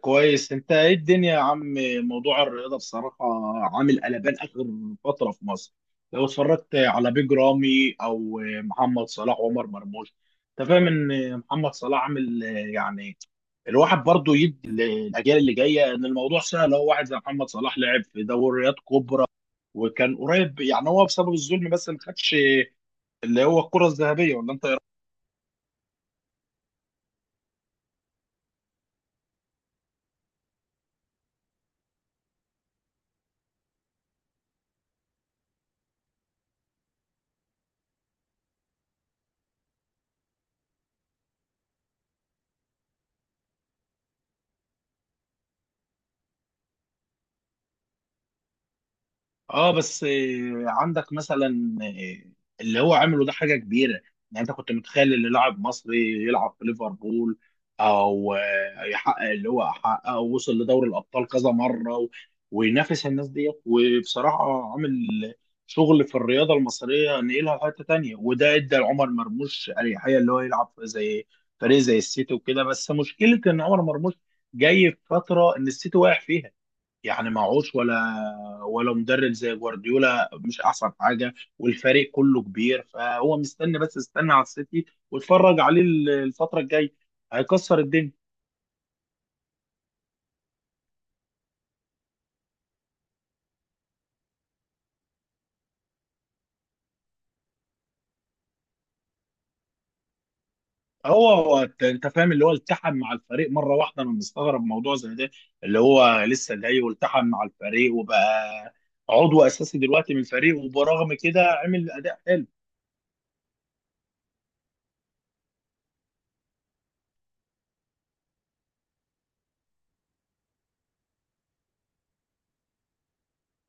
كويس، انت ايه الدنيا يا عم؟ موضوع الرياضه بصراحه عامل قلبان اخر فتره في مصر. لو اتفرجت على بيج رامي او محمد صلاح وعمر مرموش، انت فاهم ان محمد صلاح عامل، يعني الواحد برضو يدي الاجيال اللي جايه ان الموضوع سهل. هو واحد زي محمد صلاح لعب في دوريات كبرى، وكان قريب، يعني هو بسبب الظلم بس ما خدش اللي هو الكره الذهبيه، ولا انت؟ اه بس عندك مثلا اللي هو عمله ده حاجه كبيره، يعني انت كنت متخيل ان لاعب مصري يلعب في ليفربول او يحقق اللي هو حققه ووصل لدوري الابطال كذا مره وينافس الناس ديت، وبصراحه عامل شغل في الرياضه المصريه نقلها لحته تانيه، وده ادى لعمر مرموش اريحيه اللي هو يلعب في زي فريق زي السيتي وكده. بس مشكله ان عمر مرموش جاي في فتره ان السيتي واقع فيها، يعني معهوش، ولا ولا مدرب زي جوارديولا مش احسن حاجه، والفريق كله كبير. فهو مستني، بس استنى على السيتي واتفرج عليه الفتره الجايه، هيكسر الدنيا. هو هو انت أنت فاهم اللي هو التحم مع الفريق مره واحده، انا مستغرب موضوع زي ده، اللي هو لسه جاي والتحم مع الفريق وبقى عضو اساسي دلوقتي من الفريق، وبرغم كده عمل اداء حلو.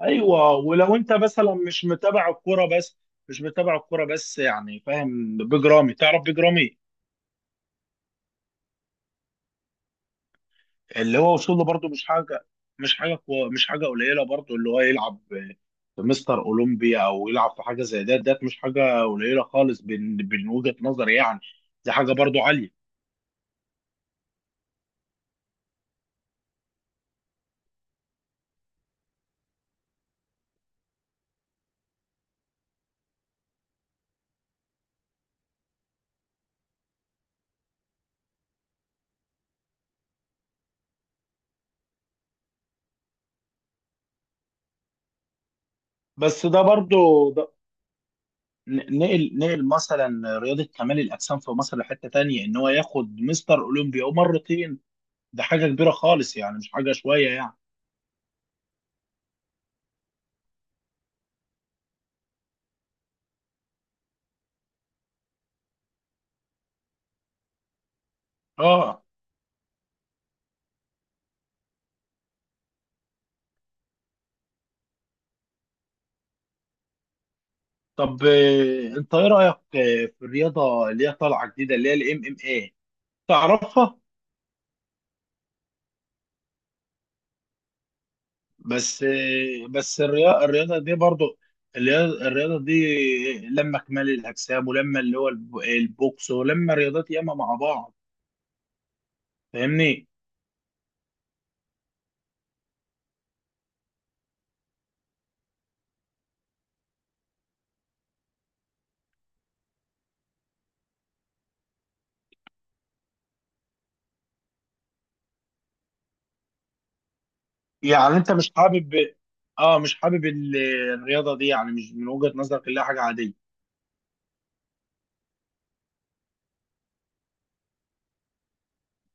ايوه، ولو انت مثلا مش متابع الكوره، بس يعني فاهم بيج رامي، تعرف بيج رامي؟ اللي هو وصوله برضو مش حاجه، مش حاجه قليله برضو، اللي هو يلعب في مستر اولمبيا، او يلعب في حاجه زي ده. ده مش حاجه قليله خالص، بين بين وجهه نظري يعني، دي حاجه برضو عاليه. بس ده برضو ده نقل مثلا رياضه كمال الاجسام في مصر لحته تانية، ان هو ياخد مستر اولمبيا ومرتين، ده حاجه كبيره خالص، يعني مش حاجه شويه يعني. اه. طب انت ايه رايك في الرياضه اللي هي طالعه جديده، اللي هي الام ام اي، تعرفها؟ بس بس الرياضه دي برضو، الرياضه دي، لما كمال الاجسام، ولما اللي هو البوكس، ولما رياضات ياما مع بعض، فاهمني؟ يعني انت مش حابب؟ اه مش حابب الرياضه دي، يعني مش من وجهه نظرك اللي هي حاجه عاديه.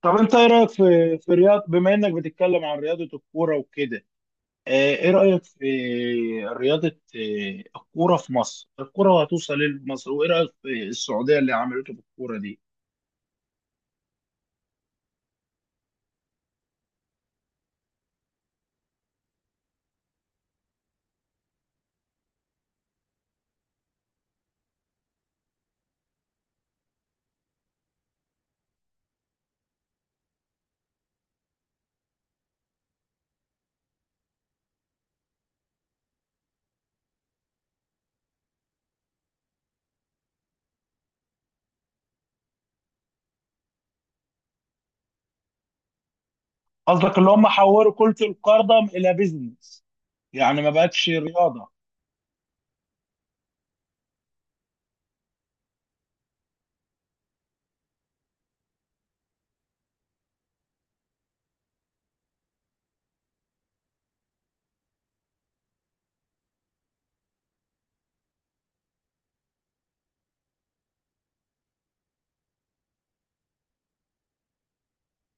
طب انت ايه رايك في في رياض، بما انك بتتكلم عن رياضه الكوره وكده، ايه رايك في رياضه الكوره في مصر؟ الكوره هتوصل لمصر، وايه رايك في السعوديه اللي عملته في الكوره دي؟ قصدك اللي هم حولوا كرة القدم إلى بيزنس، يعني ما بقتش رياضة؟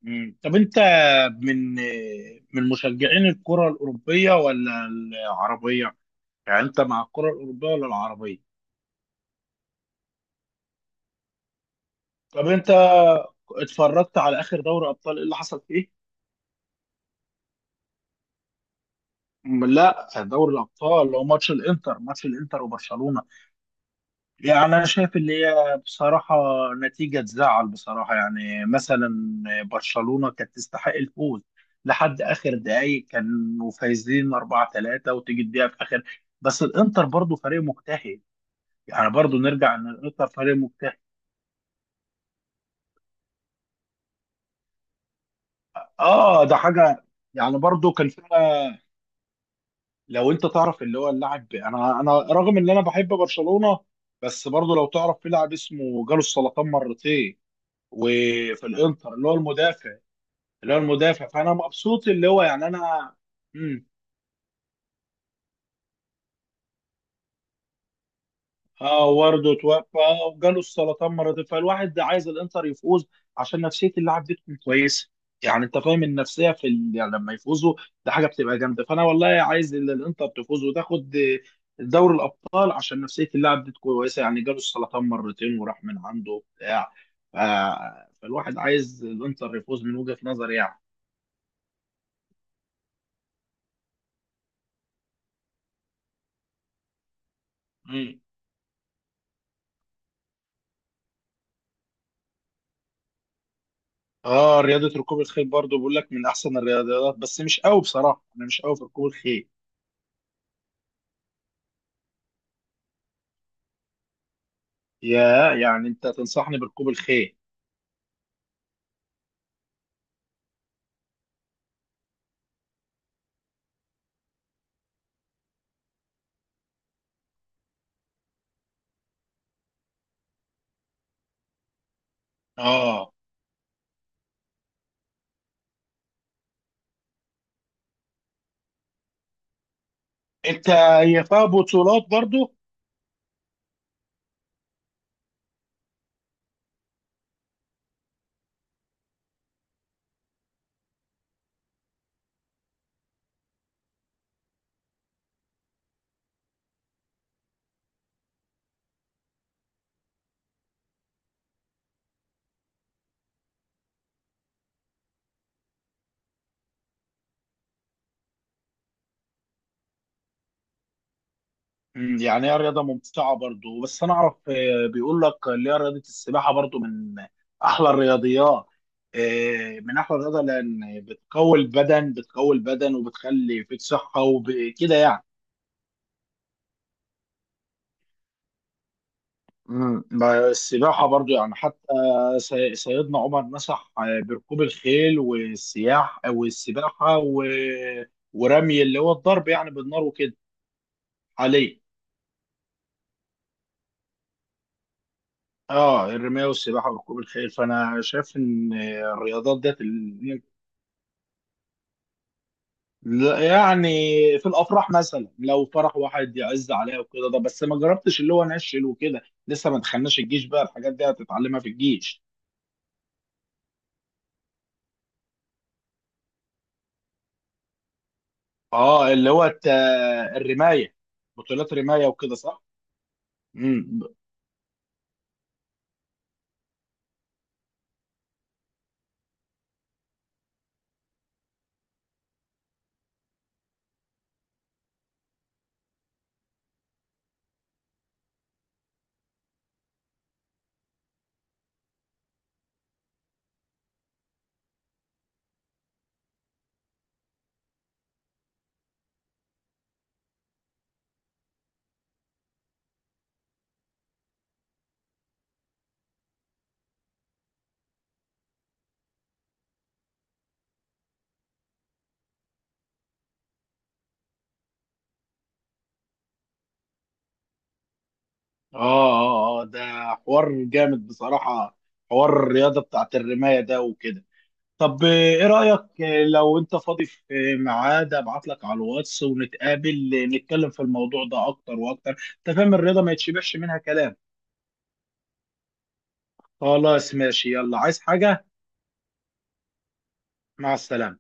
مم. طب أنت من من مشجعين الكرة الأوروبية ولا العربية؟ يعني أنت مع الكرة الأوروبية ولا العربية؟ طب أنت اتفرجت على آخر دوري أبطال، إيه اللي حصل فيه؟ لا، دوري الأبطال اللي هو ماتش الإنتر، ماتش الإنتر وبرشلونة، يعني أنا شايف اللي هي بصراحة نتيجة تزعل بصراحة. يعني مثلا برشلونة كانت تستحق الفوز لحد آخر دقايق، كانوا فايزين 4-3، وتيجي الدقيقة في آخر. بس الإنتر برضو فريق مجتهد، يعني برضو نرجع إن الإنتر فريق مجتهد. آه ده حاجة، يعني برضو كان فيها، لو أنت تعرف اللي هو اللاعب. أنا رغم إن أنا بحب برشلونة، بس برضو لو تعرف في لاعب اسمه جاله السرطان مرتين، وفي الانتر اللي هو المدافع، اللي هو المدافع، فانا مبسوط اللي هو يعني انا. امم. اه، وارده توفى وجاله السرطان مرتين، فالواحد ده عايز الانتر يفوز عشان نفسيه اللاعب دي تكون كويسه. يعني انت فاهم النفسيه في يعني لما يفوزوا، ده حاجه بتبقى جامده، فانا والله عايز الانتر تفوز وتاخد دوري الابطال عشان نفسيه اللاعب دي تكون كويسه، يعني جاله السرطان مرتين وراح من عنده وبتاع، ف... فالواحد عايز الانتر يفوز من وجهه نظري. يعني اه، رياضة ركوب الخيل برضو بقول لك من احسن الرياضيات، بس مش قوي بصراحة، انا مش قوي في ركوب الخيل. يا يعني انت تنصحني بركوب الخيل؟ اه، انت هي فيها بطولات برضو؟ يعني هي رياضة ممتعة برضو، بس انا اعرف بيقول لك اللي هي رياضة السباحة برضو من احلى الرياضيات، من احلى الرياضة لان بتقوي البدن، بتقوي البدن وبتخلي فيك صحة وكده يعني. مم. ما السباحة برضو يعني، حتى سيدنا عمر مسح بركوب الخيل والسياح والسباحة ورمي، اللي هو الضرب يعني بالنار وكده، عليه. اه، الرماية والسباحة وركوب الخيل، فأنا شايف إن الرياضات ديت لا، يعني في الأفراح مثلا، لو فرح واحد يعز عليها وكده ده، بس ما جربتش اللي هو نشل وكده. لسه ما دخلناش الجيش، بقى الحاجات دي هتتعلمها في الجيش. اه، اللي هو الرماية، بطولات رماية وكده صح؟ امم. اه اه اه ده حوار جامد بصراحة، حوار الرياضة بتاعت الرماية ده وكده. طب ايه رأيك لو انت فاضي في ميعاد ابعت لك على الواتس ونتقابل نتكلم في الموضوع ده اكتر واكتر. انت فاهم الرياضة ما يتشبعش منها كلام. خلاص ماشي، يلا، عايز حاجة؟ مع السلامة.